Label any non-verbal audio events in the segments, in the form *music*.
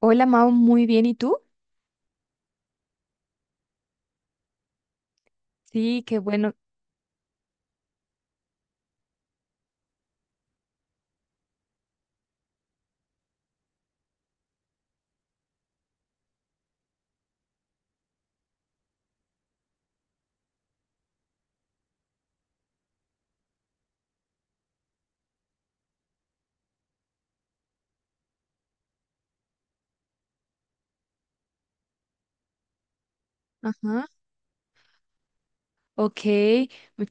Hola Mau, muy bien. ¿Y tú? Sí, qué bueno. Ajá. Ok,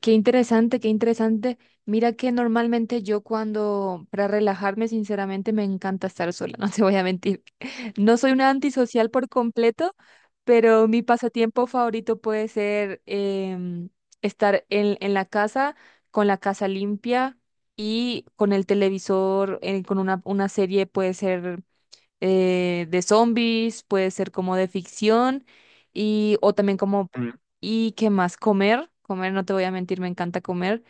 qué interesante, qué interesante. Mira que normalmente yo cuando, para relajarme, sinceramente me encanta estar sola, *laughs* no te voy a mentir. No soy una antisocial por completo, pero mi pasatiempo favorito puede ser estar en la casa, con la casa limpia y con el televisor, con una serie puede ser de zombies, puede ser como de ficción y o también como y qué más comer, comer no te voy a mentir, me encanta comer.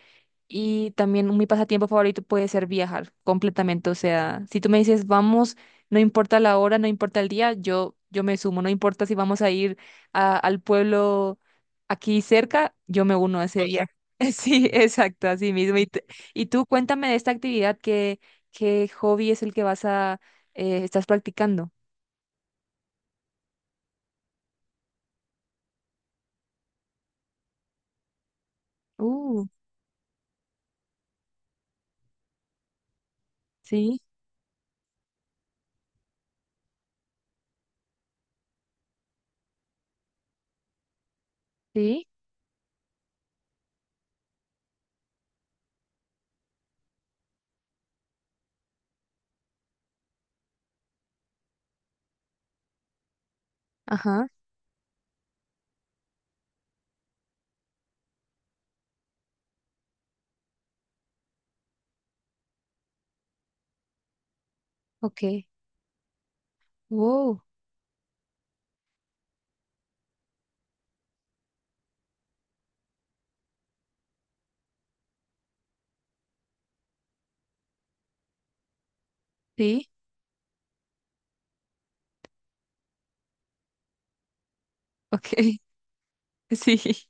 Y también mi pasatiempo favorito puede ser viajar completamente. O sea, si tú me dices, vamos, no importa la hora, no importa el día, yo me sumo. No importa si vamos a ir al pueblo aquí cerca, yo me uno a ese viaje. *laughs* Sí, exacto, así mismo. Y tú cuéntame de esta actividad, ¿qué hobby es el que estás practicando? Uh, sí, sí, ajá, ok. Wow, sí, ok, *laughs* sí,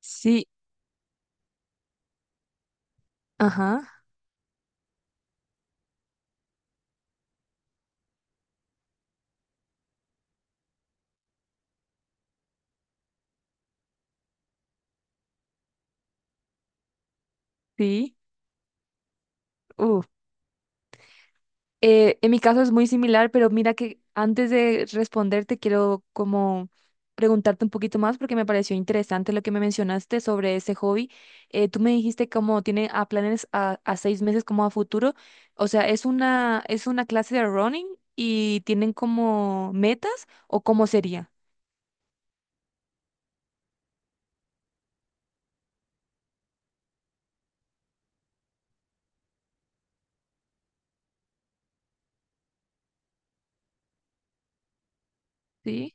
sí, ajá, sí. Uf, en mi caso es muy similar, pero mira que antes de responderte quiero como preguntarte un poquito más porque me pareció interesante lo que me mencionaste sobre ese hobby. Tú me dijiste como tiene a planes a 6 meses como a futuro. O sea, es una clase de running y tienen como metas o cómo sería? Sí,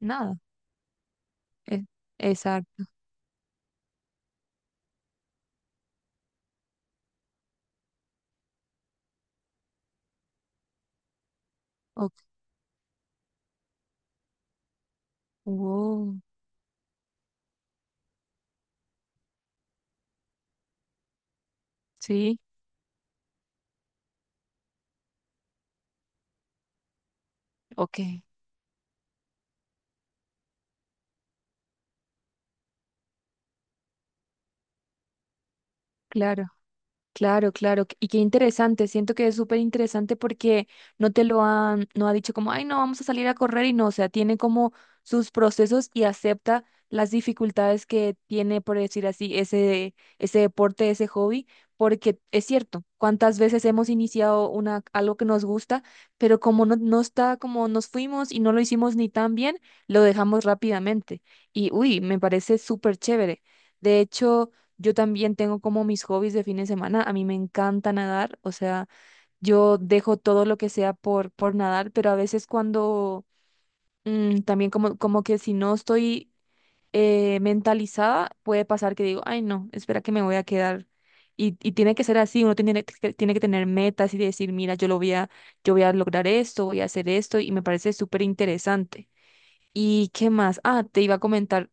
nada. e- exacto. Ok, wow. Sí, ok, claro. Claro, claro. Y qué interesante. Siento que es súper interesante porque no ha dicho como, ay, no, vamos a salir a correr y no. O sea, tiene como sus procesos y acepta las dificultades que tiene, por decir así, ese deporte, ese hobby. Porque es cierto, cuántas veces hemos iniciado algo que nos gusta, pero como no está, como nos fuimos y no lo hicimos ni tan bien, lo dejamos rápidamente. Y uy, me parece súper chévere. De hecho. Yo también tengo como mis hobbies de fin de semana. A mí me encanta nadar, o sea, yo dejo todo lo que sea por nadar, pero a veces cuando también como que si no estoy mentalizada, puede pasar que digo, ay no, espera que me voy a quedar. Y tiene que ser así, uno tiene que tener metas y decir, mira, yo voy a lograr esto, voy a hacer esto, y me parece súper interesante. ¿Y qué más? Ah, te iba a comentar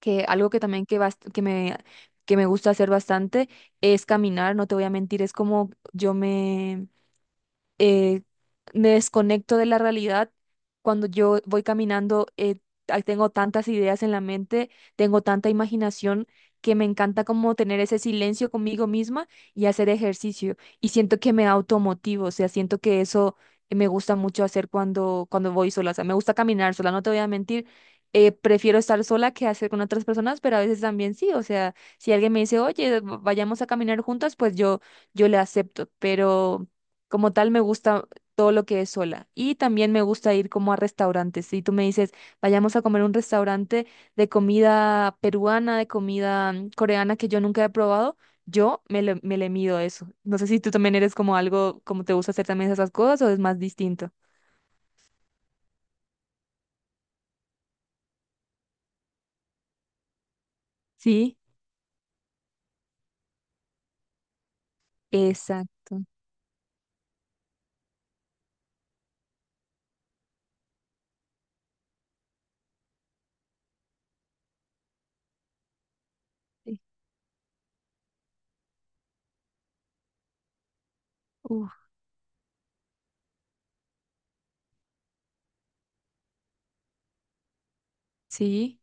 que algo que también que me gusta hacer bastante es caminar, no te voy a mentir, es como yo eh, me desconecto de la realidad. Cuando yo voy caminando, ah, tengo tantas ideas en la mente, tengo tanta imaginación que me encanta como tener ese silencio conmigo misma y hacer ejercicio. Y siento que me automotivo, o sea, siento que eso me gusta mucho hacer cuando voy sola. O sea, me gusta caminar sola, no te voy a mentir. Prefiero estar sola que hacer con otras personas, pero a veces también sí. O sea, si alguien me dice, oye, vayamos a caminar juntas, pues yo le acepto. Pero como tal, me gusta todo lo que es sola. Y también me gusta ir como a restaurantes. Si tú me dices, vayamos a comer a un restaurante de comida peruana, de comida coreana que yo nunca he probado, yo me le mido eso. No sé si tú también eres como algo, como te gusta hacer también esas cosas o es más distinto. Sí, exacto. Sí, uf, sí,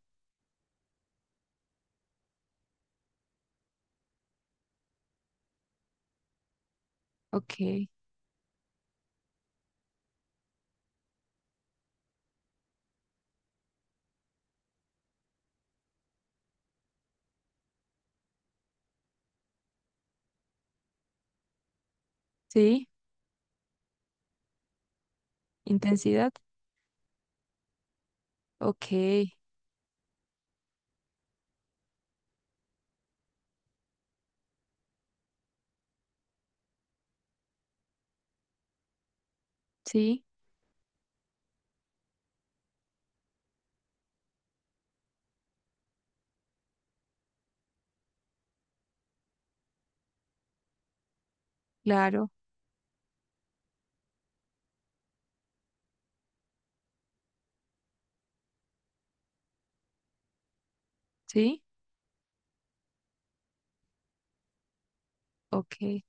ok. Sí, intensidad. Ok, sí, claro. Sí, ok.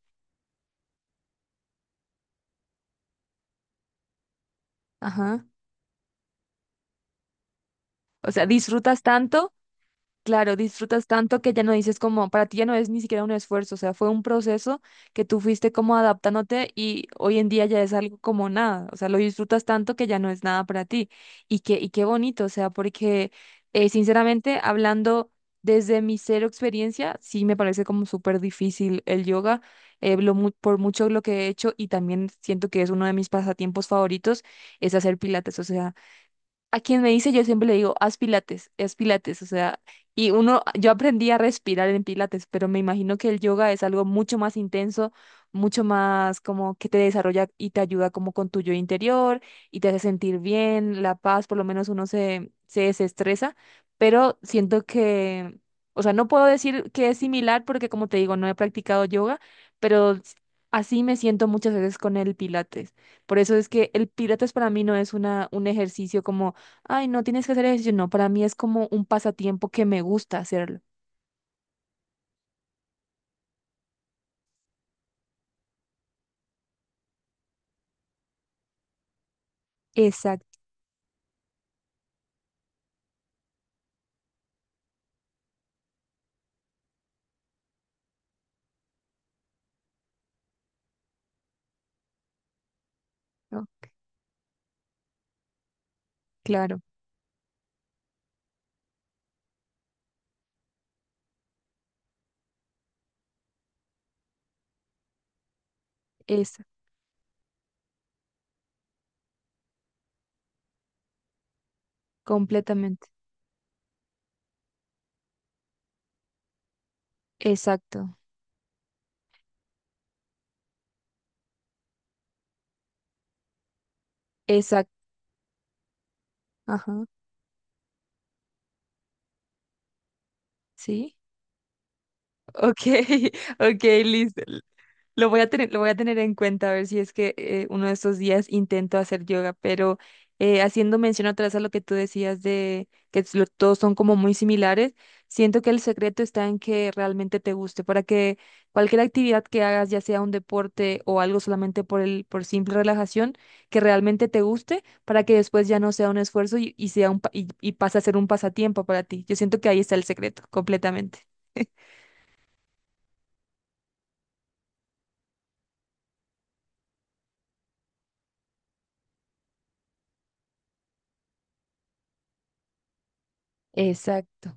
Ajá. O sea, disfrutas tanto. Claro, disfrutas tanto que ya no dices como, para ti ya no es ni siquiera un esfuerzo, o sea, fue un proceso que tú fuiste como adaptándote y hoy en día ya es algo como nada, o sea, lo disfrutas tanto que ya no es nada para ti. Y qué bonito, o sea, porque sinceramente, hablando desde mi cero experiencia, sí me parece como súper difícil el yoga, por mucho lo que he hecho y también siento que es uno de mis pasatiempos favoritos, es hacer pilates, o sea a quien me dice, yo siempre le digo, haz pilates, o sea, y uno, yo aprendí a respirar en pilates, pero me imagino que el yoga es algo mucho más intenso, mucho más como que te desarrolla y te ayuda como con tu yo interior y te hace sentir bien, la paz, por lo menos uno se desestresa, pero siento que, o sea, no puedo decir que es similar porque como te digo, no he practicado yoga, pero así me siento muchas veces con el pilates. Por eso es que el pilates para mí no es un ejercicio como ay, no tienes que hacer ejercicio. No, para mí es como un pasatiempo que me gusta hacerlo. Exacto, claro, esa, completamente. Exacto, exacto, ajá, sí. Ok, *laughs* ok, listo. Lo voy a tener en cuenta a ver si es que uno de estos días intento hacer yoga, pero haciendo mención otra vez a lo que tú decías de que es todos son como muy similares, siento que el secreto está en que realmente te guste, para que cualquier actividad que hagas, ya sea un deporte o algo solamente por por simple relajación, que realmente te guste, para que después ya no sea un esfuerzo y sea y pase a ser un pasatiempo para ti. Yo siento que ahí está el secreto, completamente. Exacto.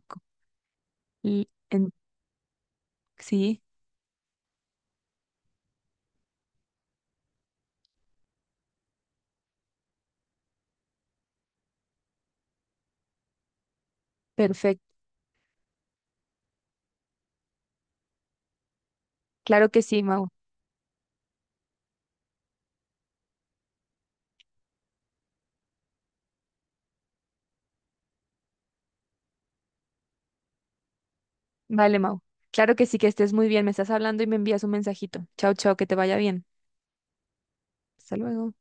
L- en- sí, perfecto. Claro que sí, Mau. Vale, Mau. Claro que sí, que estés muy bien. Me estás hablando y me envías un mensajito. Chao, chao, que te vaya bien. Hasta luego.